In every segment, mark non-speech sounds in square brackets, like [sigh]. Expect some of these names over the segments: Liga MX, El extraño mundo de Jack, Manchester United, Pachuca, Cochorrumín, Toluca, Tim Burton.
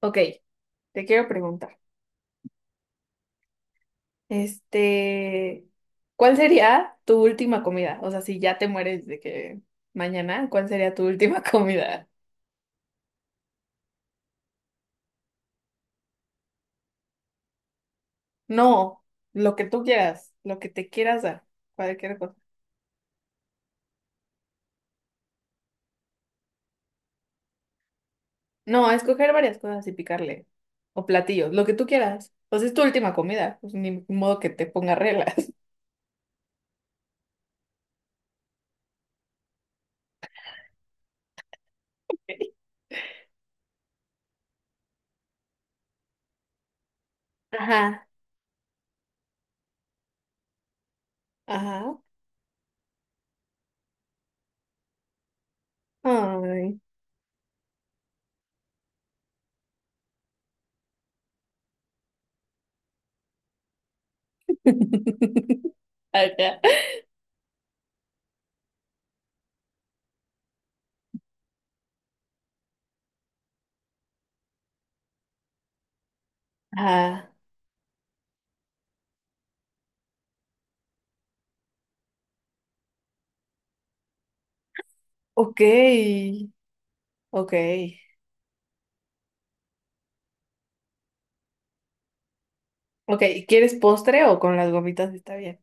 Ok, te quiero preguntar, este, ¿cuál sería tu última comida? O sea, si ya te mueres de que mañana, ¿cuál sería tu última [laughs] comida? No, lo que tú quieras, lo que te quieras dar, cualquier cosa. No, escoger varias cosas y picarle, o platillos, lo que tú quieras. Pues es tu última comida, pues ni modo que te ponga reglas. [laughs] Ajá, ajá. Ay. [laughs] Ajá. Ajá. Ok, ok. Ok, ¿quieres postre o con las gomitas está bien?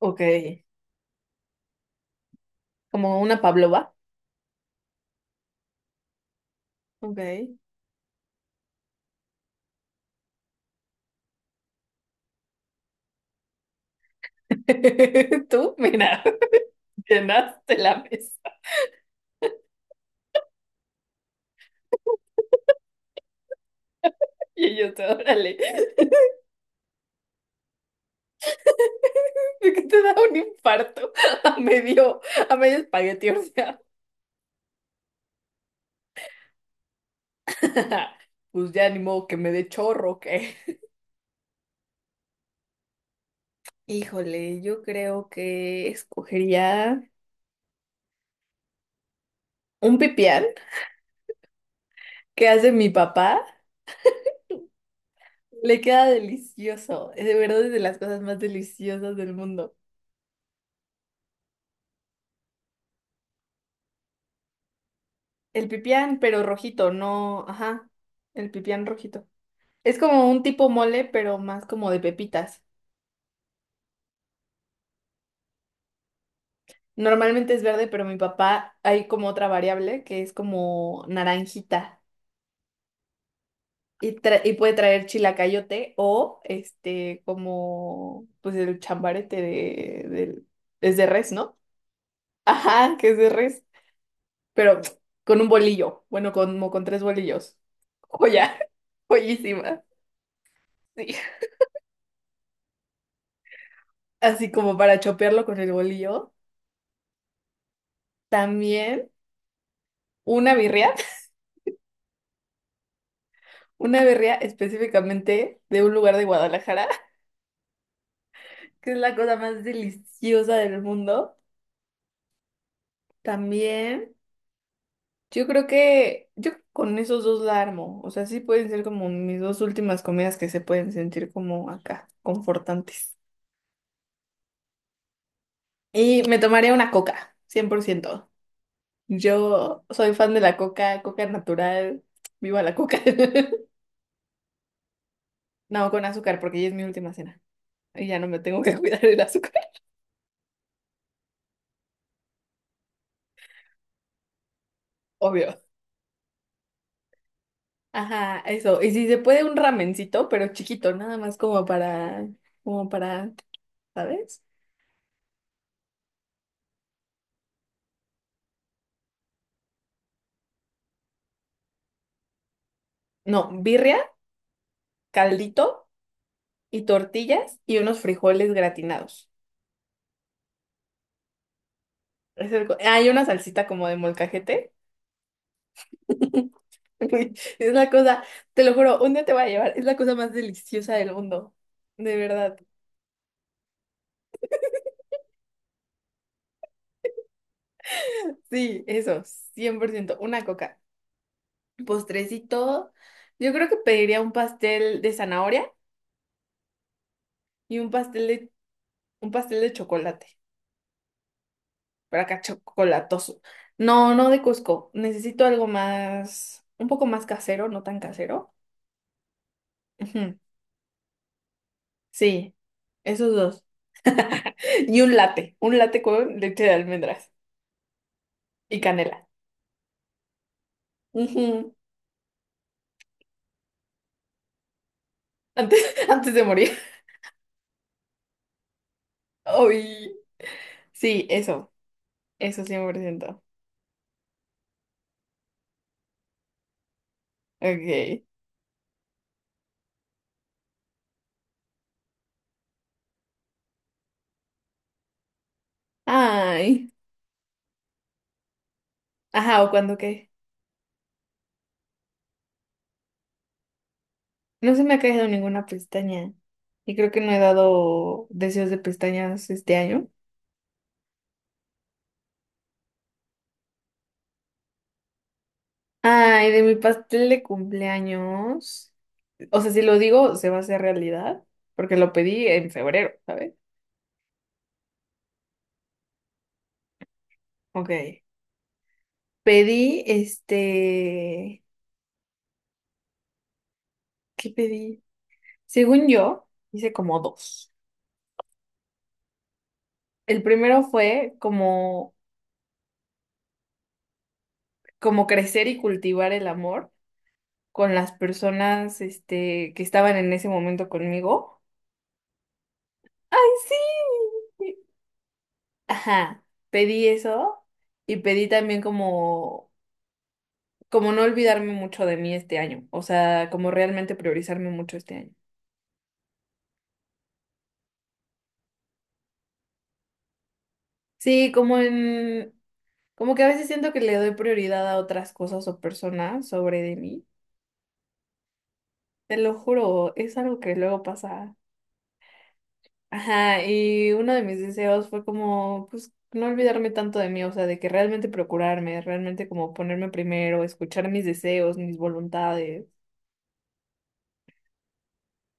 Ok, como una pavlova. Ok. [laughs] Tú, mira, [laughs] llenaste la mesa. Y yo te, órale, de que te da un infarto [laughs] a medio, a medio espagueti, o sea. [laughs] Pues ya ni modo que me dé chorro, que. Híjole, yo creo que escogería un pipián que hace mi papá. Le queda delicioso. Es de verdad es de las cosas más deliciosas del mundo. El pipián, pero rojito, no, ajá, el pipián rojito. Es como un tipo mole, pero más como de pepitas. Normalmente es verde, pero mi papá hay como otra variable que es como naranjita y, y puede traer chilacayote o este como pues el chambarete del- es de res, ¿no? [laughs] Ajá, que es de res, pero con un bolillo, bueno, como con tres bolillos. Joya, [laughs] joyísima. Sí. Así como para chopearlo con el bolillo. También una birria, [laughs] una birria específicamente de un lugar de Guadalajara, [laughs] que es la cosa más deliciosa del mundo. También, yo creo que yo con esos dos la armo. O sea, sí pueden ser como mis dos últimas comidas que se pueden sentir como acá, confortantes. Y me tomaría una coca, 100%. Yo soy fan de la coca, coca natural, viva la coca. [laughs] No, con azúcar, porque ya es mi última cena. Y ya no me tengo que [laughs] cuidar del azúcar, obvio. Ajá, eso. Y si se puede un ramencito, pero chiquito, nada más como para, como para, ¿sabes? No, birria, caldito y tortillas y unos frijoles gratinados. Es el co- Hay una salsita como de molcajete. [laughs] Güey, es la cosa, te lo juro, un día te voy a llevar, es la cosa más deliciosa del mundo. De verdad. Sí, eso, 100%. Una coca. Postrecito. Yo creo que pediría un pastel de zanahoria y un pastel de chocolate. Pero acá chocolatoso. No, no de Cusco. Necesito algo más, un poco más casero, no tan casero. Ujú. Sí, esos dos. Y un latte con leche de almendras y canela. Ujú. Antes, [laughs] antes de morir. Ay, sí, eso 100%. Ok. Ay. Ajá, ¿o cuando qué? No se me ha caído ninguna pestaña. Y creo que no he dado deseos de pestañas este año. Ay, de mi pastel de cumpleaños. O sea, si lo digo, se va a hacer realidad, porque lo pedí en febrero, ¿sabes? Ok. Pedí, este, ¿qué pedí? Según yo, hice como dos. El primero fue como, como crecer y cultivar el amor con las personas, este, que estaban en ese momento conmigo. ¡Ay, sí! Ajá, pedí eso y pedí también como como no olvidarme mucho de mí este año, o sea, como realmente priorizarme mucho este año. Sí, como en, como que a veces siento que le doy prioridad a otras cosas o personas sobre de mí. Te lo juro, es algo que luego pasa. Ajá, y uno de mis deseos fue como, pues, no olvidarme tanto de mí, o sea, de que realmente procurarme, realmente como ponerme primero, escuchar mis deseos, mis voluntades.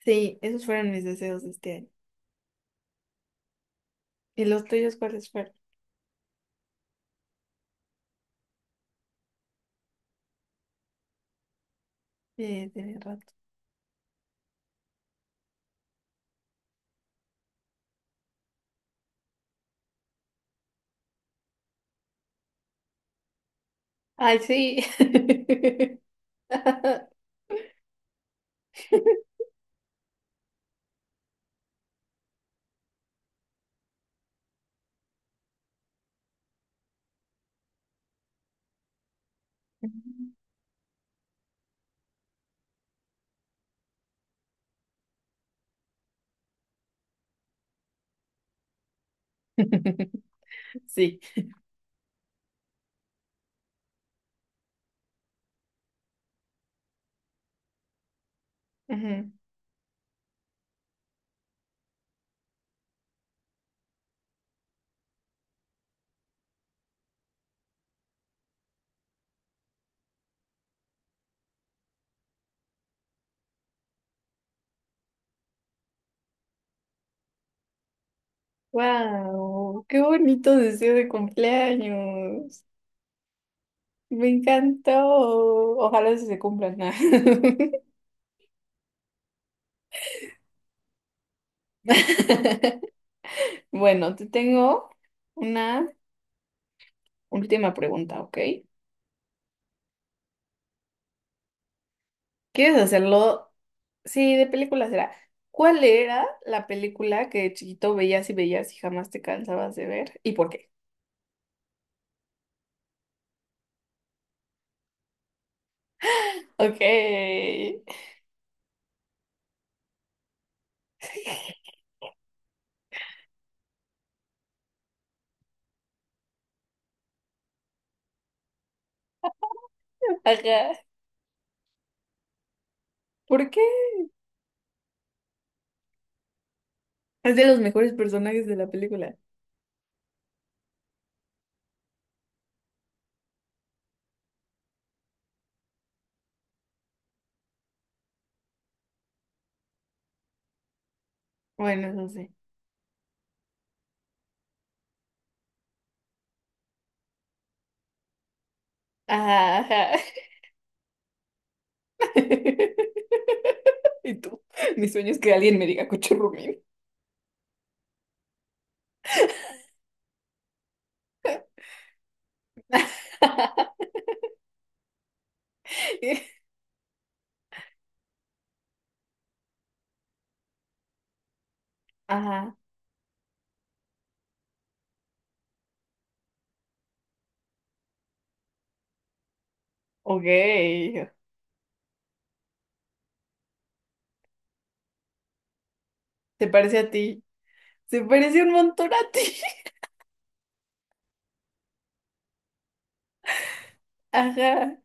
Sí, esos fueron mis deseos de este año. ¿Y los tuyos cuáles fueron? Tienes razón. Ay, sí. [laughs] Sí. Wow, qué bonito deseo de cumpleaños. Me encantó. Ojalá sí se cumplan, ¿no? [laughs] Bueno, te tengo una última pregunta, ¿ok? ¿Quieres hacerlo? Sí, de película será. ¿Cuál era la película que de chiquito veías y veías y jamás te cansabas de ver? ¿Y por qué? [laughs] Ok. [laughs] Ajá. ¿Por qué? Es de los mejores personajes de la película. Bueno, no sé. Ajá, ajá. [laughs] Y tú, mi sueño es que alguien me diga Cochorrumín. [laughs] Ajá, ok. ¿Te parece a ti? Se parece un montón a ti. [laughs] Ajá,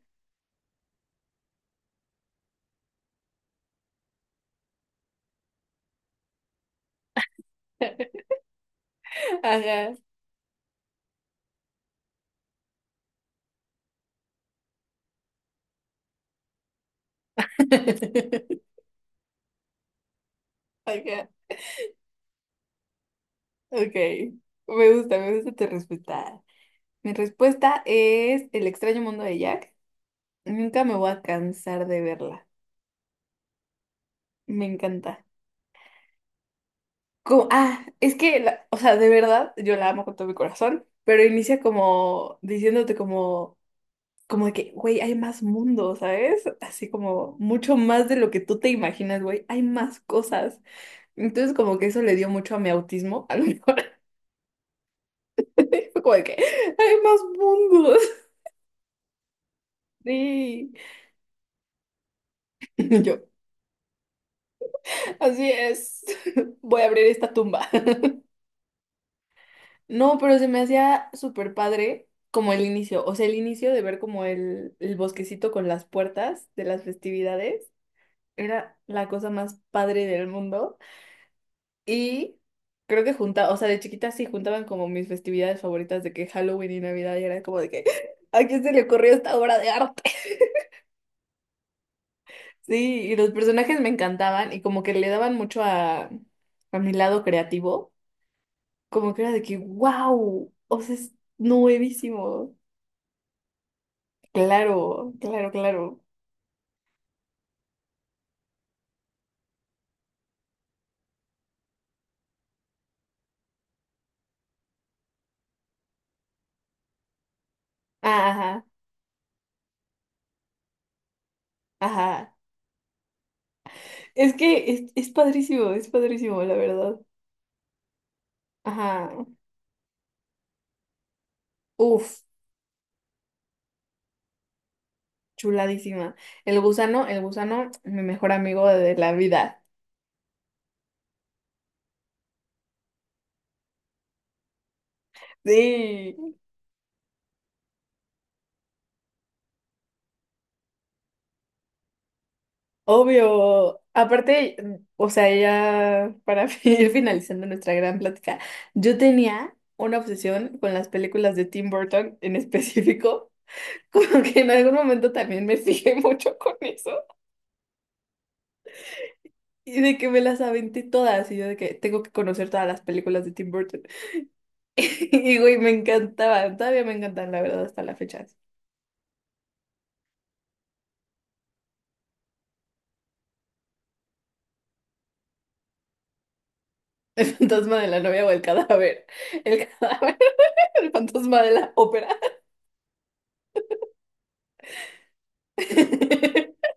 ajá. [laughs] Ajá, ok. Me gusta tu respuesta. Mi respuesta es El extraño mundo de Jack. Nunca me voy a cansar de verla. Me encanta. Como- ah, es que, la- o sea, de verdad, yo la amo con todo mi corazón, pero inicia como diciéndote como, como de que, güey, hay más mundo, ¿sabes? Así como mucho más de lo que tú te imaginas, güey, hay más cosas. Entonces como que eso le dio mucho a mi autismo, [laughs] a lo mejor, [laughs] fue como de que, hay más mundos. Sí. [laughs] Y yo, así es, [laughs] voy a abrir esta tumba. No, pero se me hacía súper padre como el inicio, o sea, el inicio de ver como el bosquecito con las puertas de las festividades era la cosa más padre del mundo. Y creo que junta, o sea, de chiquita sí juntaban como mis festividades favoritas de que Halloween y Navidad y era como de que, [laughs] ¿a quién se le ocurrió esta obra de arte? [laughs] Sí, y los personajes me encantaban y como que le daban mucho a mi lado creativo, como que era de que, wow, o sea, es nuevísimo. Claro, claro, claro. Ah, ajá, ajá. Es que es padrísimo, la verdad. Ajá. Uf, chuladísima. El gusano, mi mejor amigo de la vida. Sí, obvio. Aparte, o sea, ya para [laughs] ir finalizando nuestra gran plática, yo tenía una obsesión con las películas de Tim Burton en específico, [laughs] como que en algún momento también me fijé mucho con eso. Y de que me las aventé todas, y yo de que tengo que conocer todas las películas de Tim Burton. [laughs] Y güey, me encantaban, todavía me encantan, la verdad, hasta la fecha. [laughs] El fantasma de la novia o el cadáver. El cadáver, [laughs] el fantasma de la ópera. [laughs]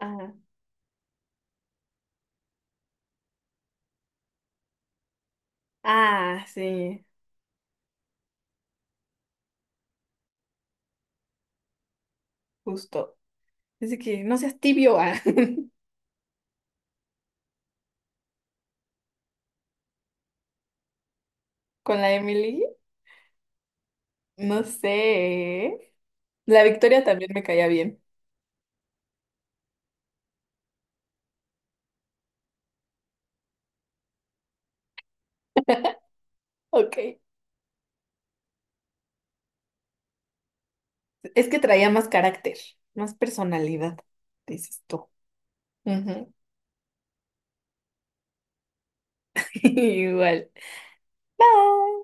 Ah, ah, sí, justo. Dice que no seas tibio, ah. [laughs] Con la Emily, no sé. La Victoria también me caía bien. Ok. Es que traía más carácter, más personalidad, dices tú. Ujú. [laughs] Igual. Bye.